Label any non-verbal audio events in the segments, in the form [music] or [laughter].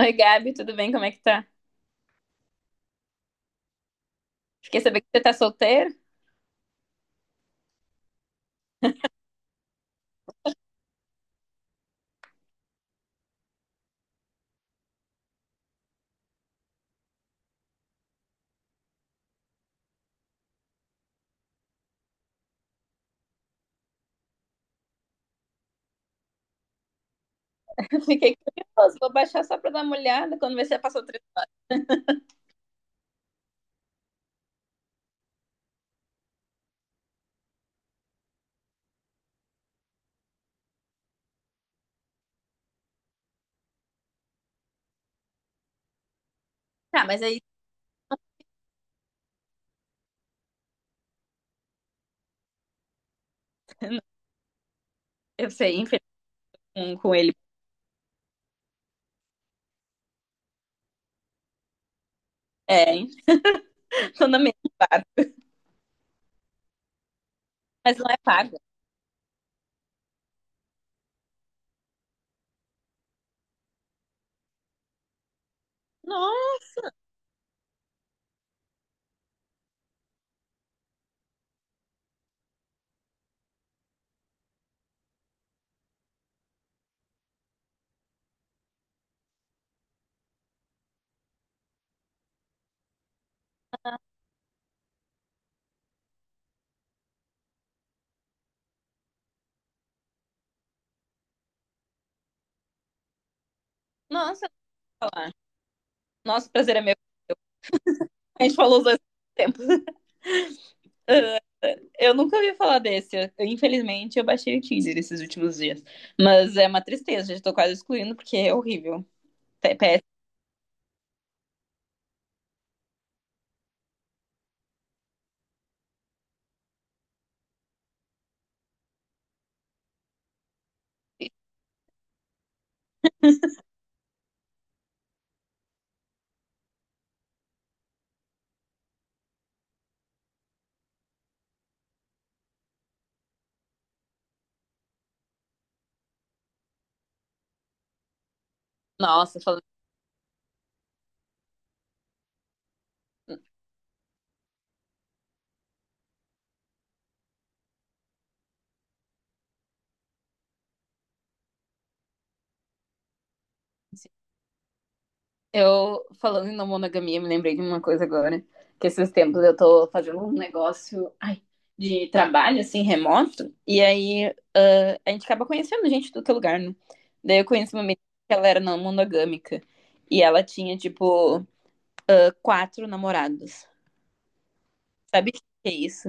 Oi, Gabi, tudo bem? Como é que tá? Fiquei sabendo que você tá solteira. [laughs] Fiquei curiosa. Vou baixar só pra dar uma olhada quando você já passou 3 horas. [laughs] Ah, mas aí [laughs] eu sei, infelizmente com ele. É, hein? [laughs] Tô na mesma barco, mas não é pago. No- Nossa, eu vou falar. Nosso prazer é meu. A gente falou os dois ao mesmo tempo. Ah, eu nunca ouvi falar desse. Infelizmente, eu baixei o Tinder esses últimos dias. Mas é uma tristeza, já tô quase excluindo porque é horrível. Pé- pé- Nossa, falando Eu, falando em não monogamia, me lembrei de uma coisa agora. Que esses tempos eu tô fazendo um negócio, ai, de trabalho, assim, remoto. E aí, a gente acaba conhecendo gente de todo lugar, né? Daí eu conheci uma menina que ela era não monogâmica. E ela tinha, tipo, quatro namorados. Sabe o que é isso?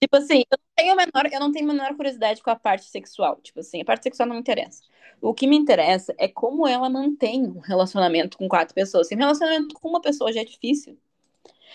Tipo assim, eu não tenho a menor curiosidade com a parte sexual. Tipo assim, a parte sexual não me interessa. O que me interessa é como ela mantém um relacionamento com quatro pessoas. Se um relacionamento com uma pessoa já é difícil.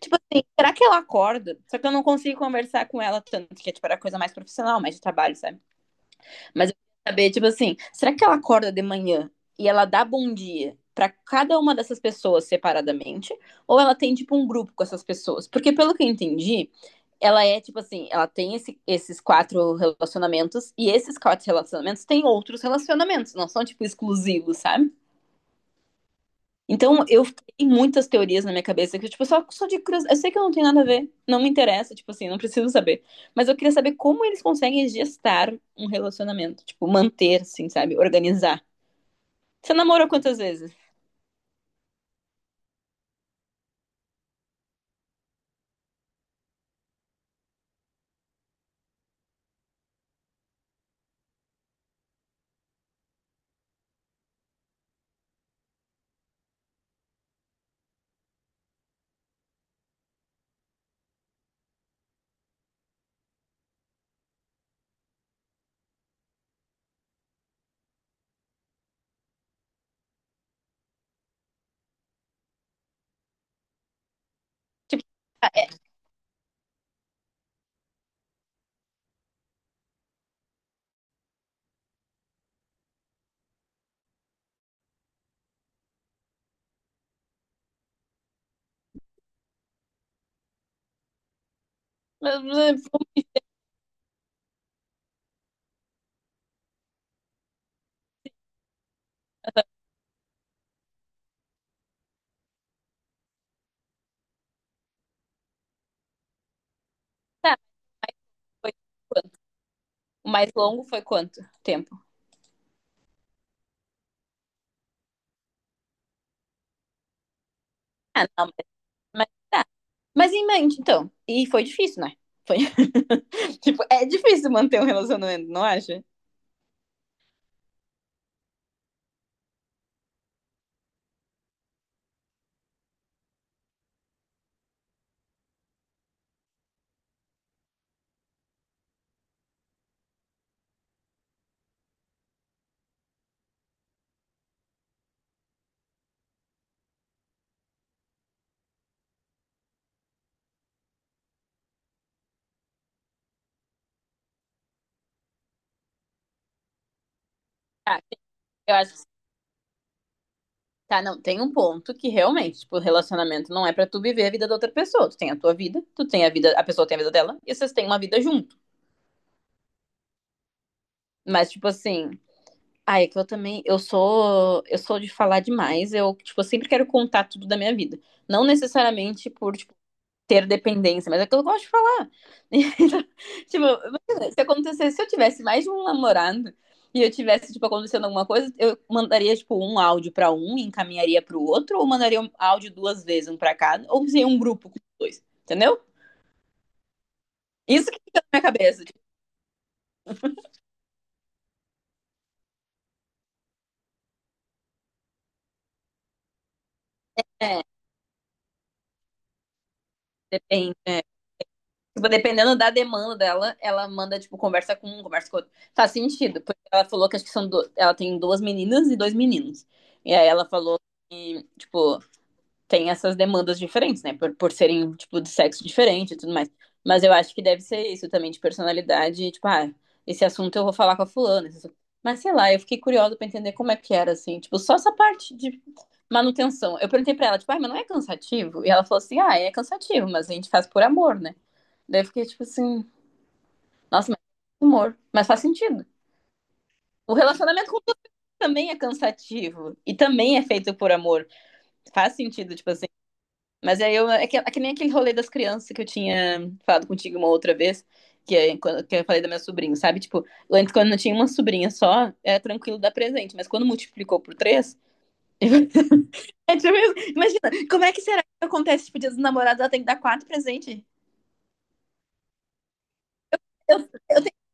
Tipo assim, será que ela acorda? Só que eu não consigo conversar com ela tanto, que é tipo, era coisa mais profissional, mais de trabalho, sabe? Mas eu queria saber, tipo assim, será que ela acorda de manhã e ela dá bom dia para cada uma dessas pessoas separadamente? Ou ela tem, tipo, um grupo com essas pessoas? Porque pelo que eu entendi ela é tipo assim, ela tem esses quatro relacionamentos e esses quatro relacionamentos têm outros relacionamentos, não são tipo exclusivos, sabe? Então eu tenho muitas teorias na minha cabeça que tipo só de curiosidade, eu sei que eu não tenho nada a ver, não me interessa, tipo assim, não preciso saber, mas eu queria saber como eles conseguem gestar um relacionamento, tipo manter, assim, sabe, organizar. Você namorou quantas vezes? Tipo, tá, o mais longo foi quanto tempo? Ah, não, mas tá. Mas em mente, então. E foi difícil, né? Foi, [laughs] tipo, é difícil manter um relacionamento, não acha? Tá, eu acho que tá, não, tem um ponto que realmente, tipo, relacionamento não é pra tu viver a vida da outra pessoa. Tu tem a tua vida, tu tem a vida, a pessoa tem a vida dela, e vocês têm uma vida junto. Mas, tipo assim, ai, é que eu também, eu sou de falar demais, eu, tipo, eu sempre quero contar tudo da minha vida. Não necessariamente por, tipo, ter dependência, mas é o que eu gosto de falar. [laughs] Então, tipo, imagina, se acontecesse, se eu tivesse mais de um namorado e eu tivesse, tipo, acontecendo alguma coisa, eu mandaria, tipo, um áudio pra um e encaminharia pro outro, ou mandaria um áudio duas vezes, um pra cada, ou seria um grupo com dois, entendeu? Isso que fica na minha cabeça. Tipo, é, depende. É. Tipo, dependendo da demanda dela, ela manda, tipo, conversa com um, conversa com outro. Faz sentido, porque ela falou que acho que são do... ela tem duas meninas e dois meninos. E aí ela falou que, tipo, tem essas demandas diferentes, né? Por serem, tipo, de sexo diferente e tudo mais. Mas eu acho que deve ser isso também, de personalidade, tipo, esse assunto eu vou falar com a fulana. Mas sei lá, eu fiquei curiosa pra entender como é que era, assim, tipo, só essa parte de manutenção. Eu perguntei pra ela, tipo, ah mas não é cansativo? E ela falou assim, ah, é cansativo, mas a gente faz por amor, né? Daí eu fiquei, tipo assim, nossa, mas humor. Mas faz sentido. O relacionamento com também é cansativo e também é feito por amor. Faz sentido, tipo assim. Mas aí eu. É que nem aquele rolê das crianças que eu tinha falado contigo uma outra vez, que eu falei da minha sobrinha, sabe? Tipo, antes quando eu tinha uma sobrinha só, era tranquilo dar presente, mas quando multiplicou por três. [laughs] É tipo isso. Imagina, como é que será que acontece? Tipo, dia dos namorados, ela tem que dar quatro presentes. Eu, eu tenho.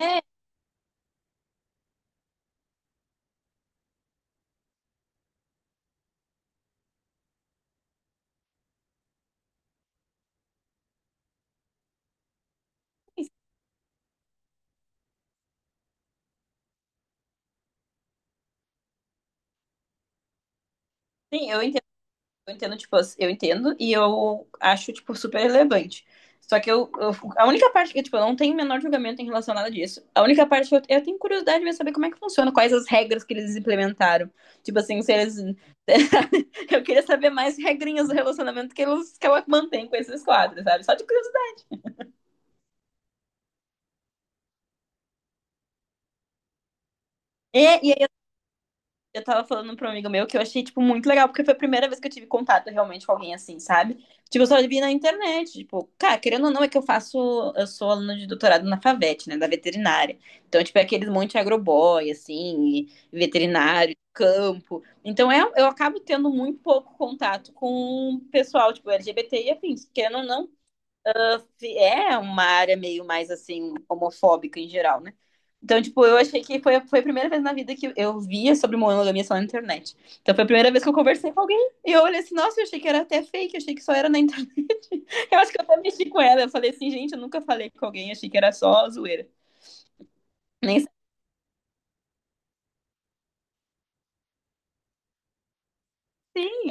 É, sim, eu entendo. Eu entendo, tipo, eu entendo e eu acho, tipo, super relevante. Só que a única parte que, tipo, eu não tenho o menor julgamento em relação a nada disso. A única parte que eu tenho curiosidade de saber como é que funciona, quais as regras que eles implementaram. Tipo assim, se eles. [laughs] Eu queria saber mais regrinhas do relacionamento que, eles, que ela mantém com esses quadros, sabe? Só de curiosidade. É, e eu tava falando pra um amigo meu que eu achei, tipo, muito legal, porque foi a primeira vez que eu tive contato realmente com alguém assim, sabe? Tipo, eu só vi na internet, tipo, cara, querendo ou não, é que eu faço, eu sou aluna de doutorado na FAVET, né, da veterinária. Então, tipo, é aqueles monte de agroboy, assim, e veterinário, campo. Então, eu acabo tendo muito pouco contato com o pessoal, tipo, LGBT e afins. Querendo ou não, é uma área meio mais assim homofóbica em geral, né? Então, tipo, eu achei que foi a primeira vez na vida que eu via sobre monogamia só na internet. Então, foi a primeira vez que eu conversei com alguém e eu olhei assim, nossa, eu achei que era até fake, eu achei que só era na internet. [laughs] Eu acho que eu até mexi com ela. Eu falei assim, gente, eu nunca falei com alguém, achei que era só zoeira. Nem sei. Sim,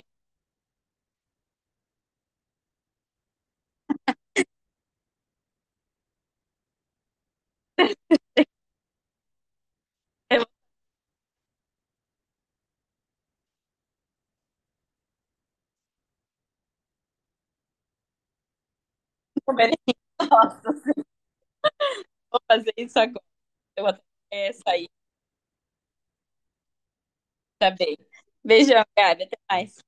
[laughs] eu vou fazer isso agora. Eu vou até sair, tá bem. Beijão, Gabi, até mais.